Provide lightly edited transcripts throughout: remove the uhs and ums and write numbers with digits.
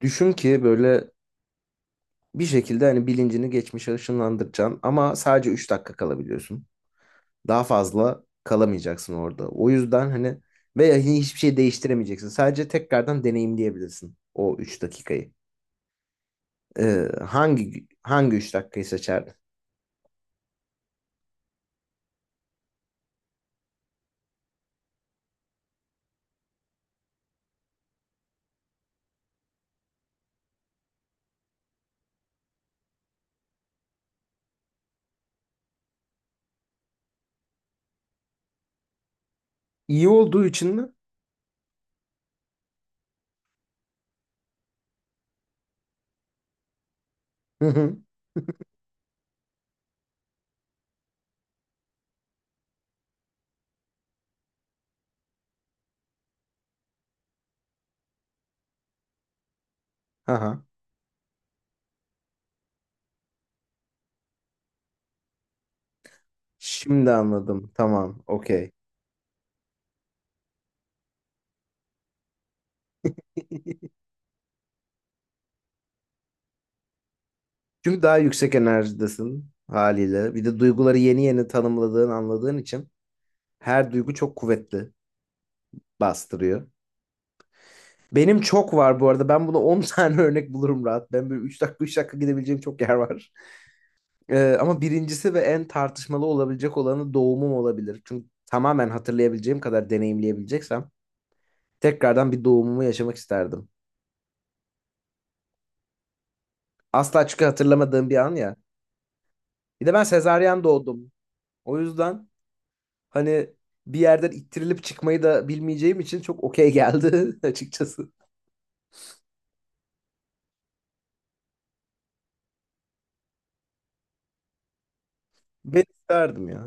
Düşün ki böyle bir şekilde hani bilincini geçmişe ışınlandıracaksın ama sadece 3 dakika kalabiliyorsun. Daha fazla kalamayacaksın orada. O yüzden hani veya hiçbir şey değiştiremeyeceksin. Sadece tekrardan deneyimleyebilirsin o 3 dakikayı. Hangi 3 dakikayı seçerdin? İyi olduğu için mi? Hı hı. Aha. Şimdi anladım. Tamam. Okey. Çünkü daha yüksek enerjidesin haliyle. Bir de duyguları yeni yeni tanımladığın, anladığın için her duygu çok kuvvetli bastırıyor. Benim çok var bu arada. Ben buna 10 tane örnek bulurum rahat. Ben böyle 3 dakika 3 dakika gidebileceğim çok yer var. Ama birincisi ve en tartışmalı olabilecek olanı doğumum olabilir. Çünkü tamamen hatırlayabileceğim kadar deneyimleyebileceksem tekrardan bir doğumumu yaşamak isterdim. Asla çünkü hatırlamadığım bir an ya. Bir de ben sezaryen doğdum. O yüzden hani bir yerden ittirilip çıkmayı da bilmeyeceğim için çok okey geldi açıkçası. Ben isterdim ya.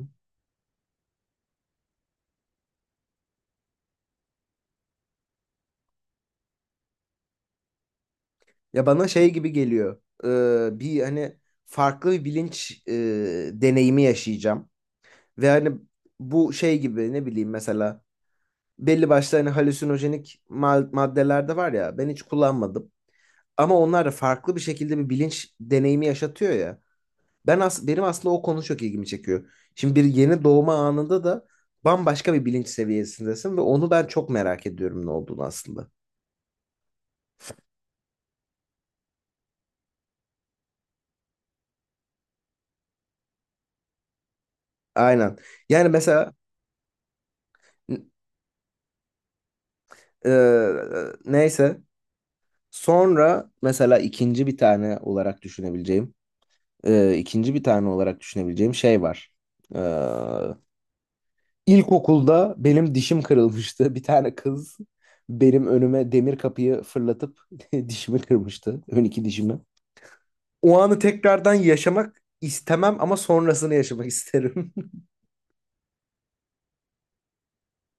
Ya bana şey gibi geliyor. Bir hani farklı bir bilinç deneyimi yaşayacağım. Ve hani bu şey gibi ne bileyim mesela belli başlı hani halüsinojenik maddeler de var ya ben hiç kullanmadım. Ama onlar da farklı bir şekilde bir bilinç deneyimi yaşatıyor ya. Benim aslında o konu çok ilgimi çekiyor. Şimdi bir yeni doğma anında da bambaşka bir bilinç seviyesindesin ve onu ben çok merak ediyorum ne olduğunu aslında. Aynen. Yani mesela e, neyse. Sonra mesela ikinci bir tane olarak düşünebileceğim, ikinci bir tane olarak düşünebileceğim şey var. E, ilkokulda benim dişim kırılmıştı. Bir tane kız benim önüme demir kapıyı fırlatıp dişimi kırmıştı. Ön iki dişimi. O anı tekrardan yaşamak istemem ama sonrasını yaşamak isterim.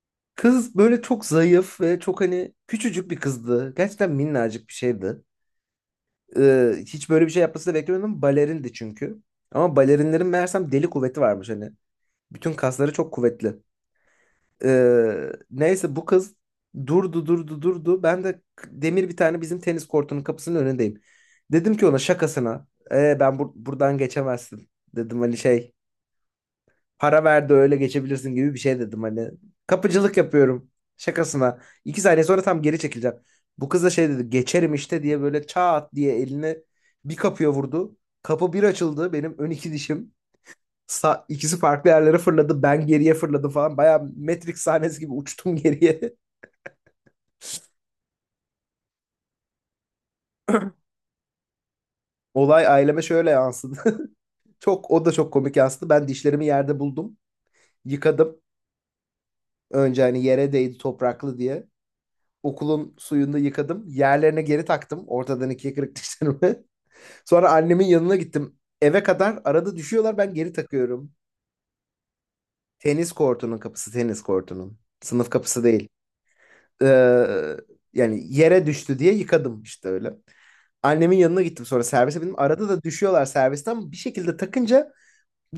Kız böyle çok zayıf ve çok hani küçücük bir kızdı. Gerçekten minnacık bir şeydi. Hiç böyle bir şey yapması da beklemiyordum. Balerindi çünkü. Ama balerinlerin meğersem deli kuvveti varmış hani. Bütün kasları çok kuvvetli. Neyse bu kız durdu durdu durdu. Ben de demir bir tane bizim tenis kortunun kapısının önündeyim. Dedim ki ona şakasına. Ben buradan geçemezsin. Dedim hani şey: para ver de öyle geçebilirsin gibi bir şey dedim hani. Kapıcılık yapıyorum şakasına. 2 saniye sonra tam geri çekileceğim. Bu kız da şey dedi, geçerim işte diye, böyle çat diye elini bir kapıya vurdu. Kapı bir açıldı, benim ön iki dişim. Sa ikisi farklı yerlere fırladı, ben geriye fırladım falan. Baya Matrix sahnesi gibi uçtum geriye. Olay aileme şöyle yansıdı. O da çok komik yansıdı. Ben dişlerimi yerde buldum. Yıkadım. Önce hani yere değdi topraklı diye. Okulun suyunda yıkadım. Yerlerine geri taktım. Ortadan ikiye kırık dişlerimi. Sonra annemin yanına gittim. Eve kadar arada düşüyorlar, ben geri takıyorum. Tenis kortunun kapısı, tenis kortunun. Sınıf kapısı değil. Ee, yani yere düştü diye yıkadım işte öyle. Annemin yanına gittim, sonra servise bindim. Arada da düşüyorlar, servisten bir şekilde takınca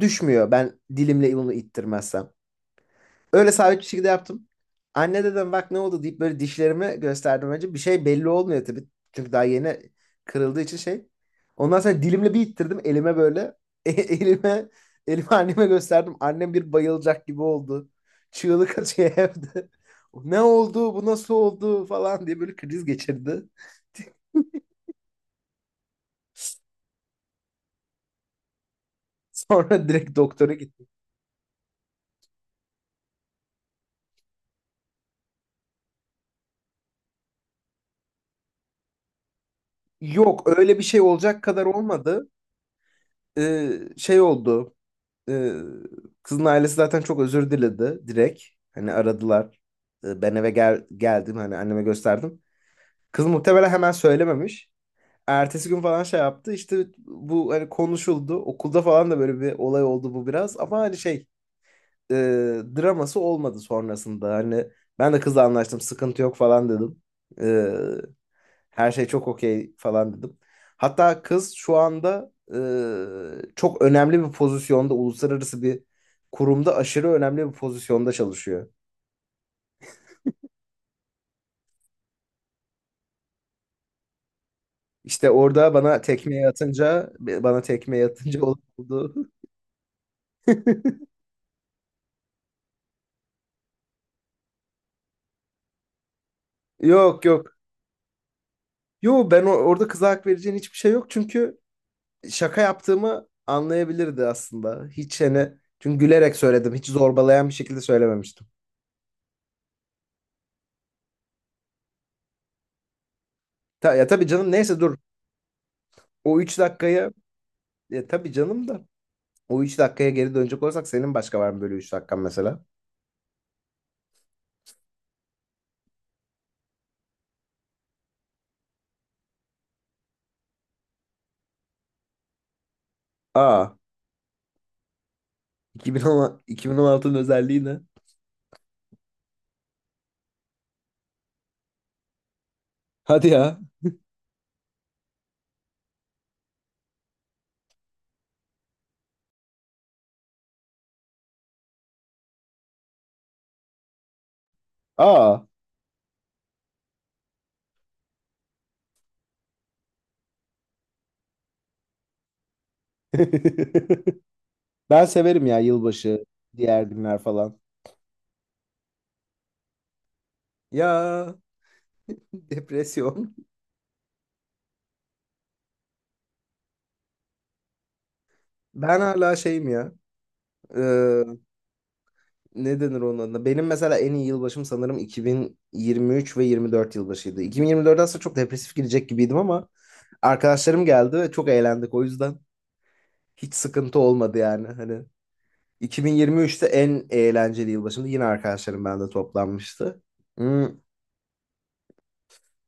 düşmüyor. Ben dilimle bunu ittirmezsem. Öyle sabit bir şekilde yaptım. Anne dedim bak ne oldu deyip böyle dişlerimi gösterdim önce. Bir şey belli olmuyor tabii. Çünkü daha yeni kırıldığı için şey. Ondan sonra dilimle bir ittirdim elime böyle. E- elime elime anneme gösterdim. Annem bir bayılacak gibi oldu. Çığlık atıyor evde. Ne oldu? Bu nasıl oldu falan diye böyle kriz geçirdi. Sonra direkt doktora gittim. Yok öyle bir şey olacak kadar olmadı. Ee, şey oldu. e, kızın ailesi zaten çok özür diledi direkt. Hani aradılar. Ben eve geldim hani anneme gösterdim. Kız muhtemelen hemen söylememiş. Ertesi gün falan şey yaptı. İşte bu hani konuşuldu. Okulda falan da böyle bir olay oldu bu, biraz. Ama hani şey, e, draması olmadı sonrasında. Hani ben de kızla anlaştım, sıkıntı yok falan dedim. Her şey çok okey falan dedim. Hatta kız şu anda çok önemli bir pozisyonda, uluslararası bir kurumda aşırı önemli bir pozisyonda çalışıyor. İşte orada bana tekmeyi atınca, bana tekmeyi atınca oldu. Yok yok. Yo, ben orada kıza hak vereceğin hiçbir şey yok, çünkü şaka yaptığımı anlayabilirdi aslında. Hiç hani, çünkü gülerek söyledim. Hiç zorbalayan bir şekilde söylememiştim. Ya tabii canım, neyse dur. O 3 dakikaya ya tabii canım da O 3 dakikaya geri dönecek olursak senin başka var mı böyle 3 dakikan mesela? Aa. 2010 2016'nın özelliği ne? Hadi ya. Aa. Ben severim ya yılbaşı, diğer günler falan. Ya, depresyon. Ben hala şeyim ya. Ee, ne denir onun adına? Benim mesela en iyi yılbaşım sanırım 2023 ve 24 yılbaşıydı. 2024'ten aslında çok depresif girecek gibiydim ama arkadaşlarım geldi ve çok eğlendik, o yüzden hiç sıkıntı olmadı yani. Hani 2023'te en eğlenceli yılbaşımdı. Yine arkadaşlarım bende toplanmıştı. Hmm,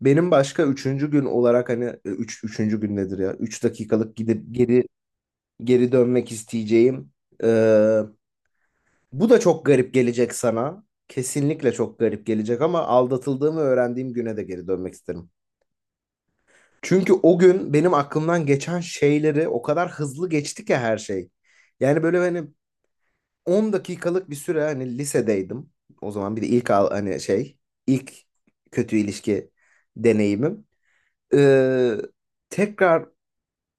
Benim başka üçüncü gün olarak hani üçüncü gün nedir ya? 3 dakikalık gidip geri dönmek isteyeceğim. Ee, bu da çok garip gelecek sana. Kesinlikle çok garip gelecek ama aldatıldığımı öğrendiğim güne de geri dönmek isterim. Çünkü o gün benim aklımdan geçen şeyleri, o kadar hızlı geçti ki her şey. Yani böyle hani 10 dakikalık bir süre, hani lisedeydim. O zaman bir de hani şey, ilk kötü ilişki deneyimim. Ee, tekrar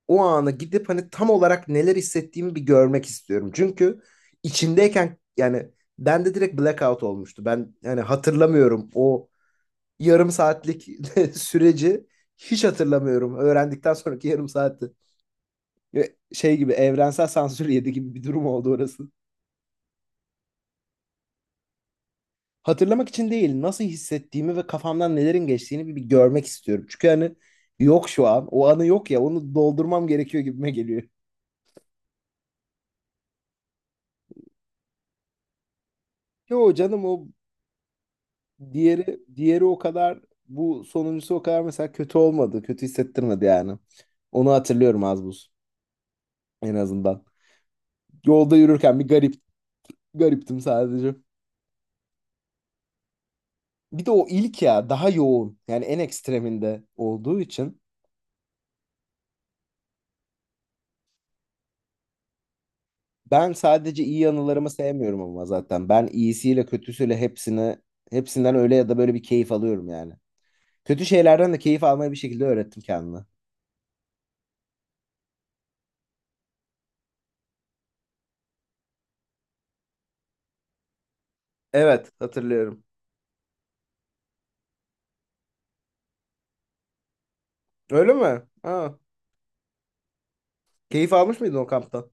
o ana gidip hani tam olarak neler hissettiğimi bir görmek istiyorum. Çünkü içindeyken yani bende direkt blackout olmuştu. Ben yani hatırlamıyorum o yarım saatlik süreci, hiç hatırlamıyorum. Öğrendikten sonraki yarım saati. Ve şey gibi evrensel sansür yedi gibi bir durum oldu orası. Hatırlamak için değil, nasıl hissettiğimi ve kafamdan nelerin geçtiğini bir görmek istiyorum. Çünkü hani yok şu an. O anı yok ya, onu doldurmam gerekiyor gibime geliyor. Yo canım, o diğeri diğeri, o kadar, bu sonuncusu o kadar mesela kötü olmadı. Kötü hissettirmedi yani. Onu hatırlıyorum az buz, en azından. Yolda yürürken bir garip gariptim sadece. Bir de o ilk ya daha yoğun. Yani en ekstreminde olduğu için. Ben sadece iyi anılarımı sevmiyorum ama zaten. Ben iyisiyle kötüsüyle hepsini, hepsinden öyle ya da böyle bir keyif alıyorum yani. Kötü şeylerden de keyif almayı bir şekilde öğrettim kendime. Evet, hatırlıyorum. Öyle mi? Ha. Keyif almış mıydın o kamptan?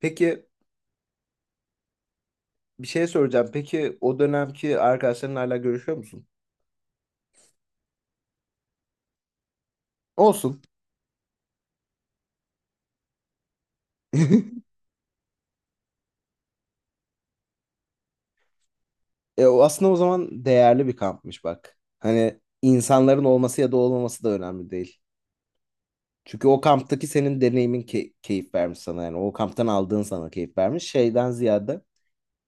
Peki bir şey soracağım. Peki o dönemki arkadaşlarınla hala görüşüyor musun? Olsun. O aslında o zaman değerli bir kampmış bak. Hani insanların olması ya da olmaması da önemli değil. Çünkü o kamptaki senin deneyimin keyif vermiş sana yani. O kamptan aldığın sana keyif vermiş. Şeyden ziyade,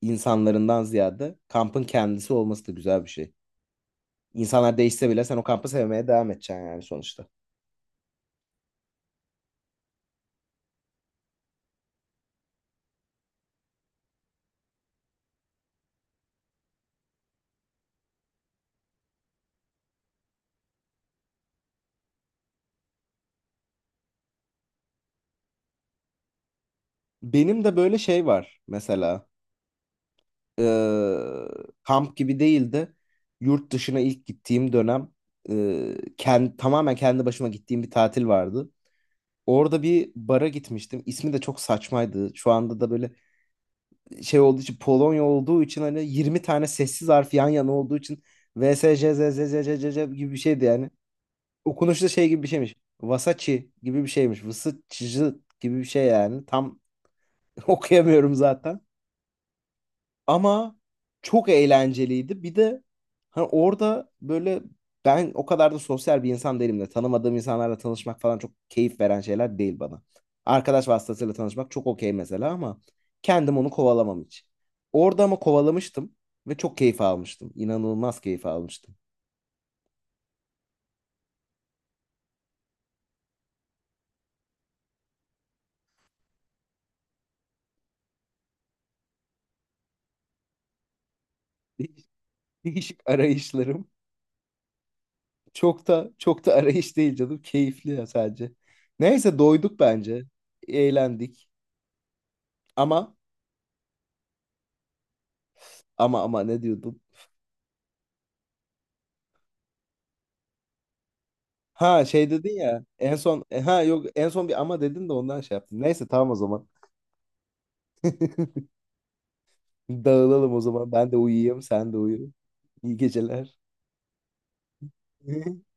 insanlarından ziyade kampın kendisi olması da güzel bir şey. İnsanlar değişse bile sen o kampı sevmeye devam edeceksin yani sonuçta. Benim de böyle şey var mesela. Ee, kamp gibi değil de yurt dışına ilk gittiğim dönem, e, tamamen kendi başıma gittiğim bir tatil vardı. Orada bir bara gitmiştim. İsmi de çok saçmaydı. Şu anda da böyle şey olduğu için, Polonya olduğu için hani 20 tane sessiz harf yan yana olduğu için, VSJZZZZZZ gibi bir şeydi yani. Okunuşu da şey gibi bir şeymiş. Vasaçi gibi bir şeymiş. Vısıçıcı gibi bir şey yani. Tam okuyamıyorum zaten. Ama çok eğlenceliydi. Bir de hani orada böyle, ben o kadar da sosyal bir insan değilim de, tanımadığım insanlarla tanışmak falan çok keyif veren şeyler değil bana. Arkadaş vasıtasıyla tanışmak çok okey mesela ama kendim onu kovalamam hiç. Orada ama kovalamıştım ve çok keyif almıştım. İnanılmaz keyif almıştım. Değişik değişik arayışlarım. Çok da çok da arayış değil canım. Keyifli ya sadece. Neyse doyduk bence. Eğlendik. Ama ama ne diyordum? Ha şey dedin ya en son, ha yok en son bir ama dedin de ondan şey yaptım. Neyse tamam o zaman. Dağılalım o zaman. Ben de uyuyayım, sen de uyu. İyi geceler.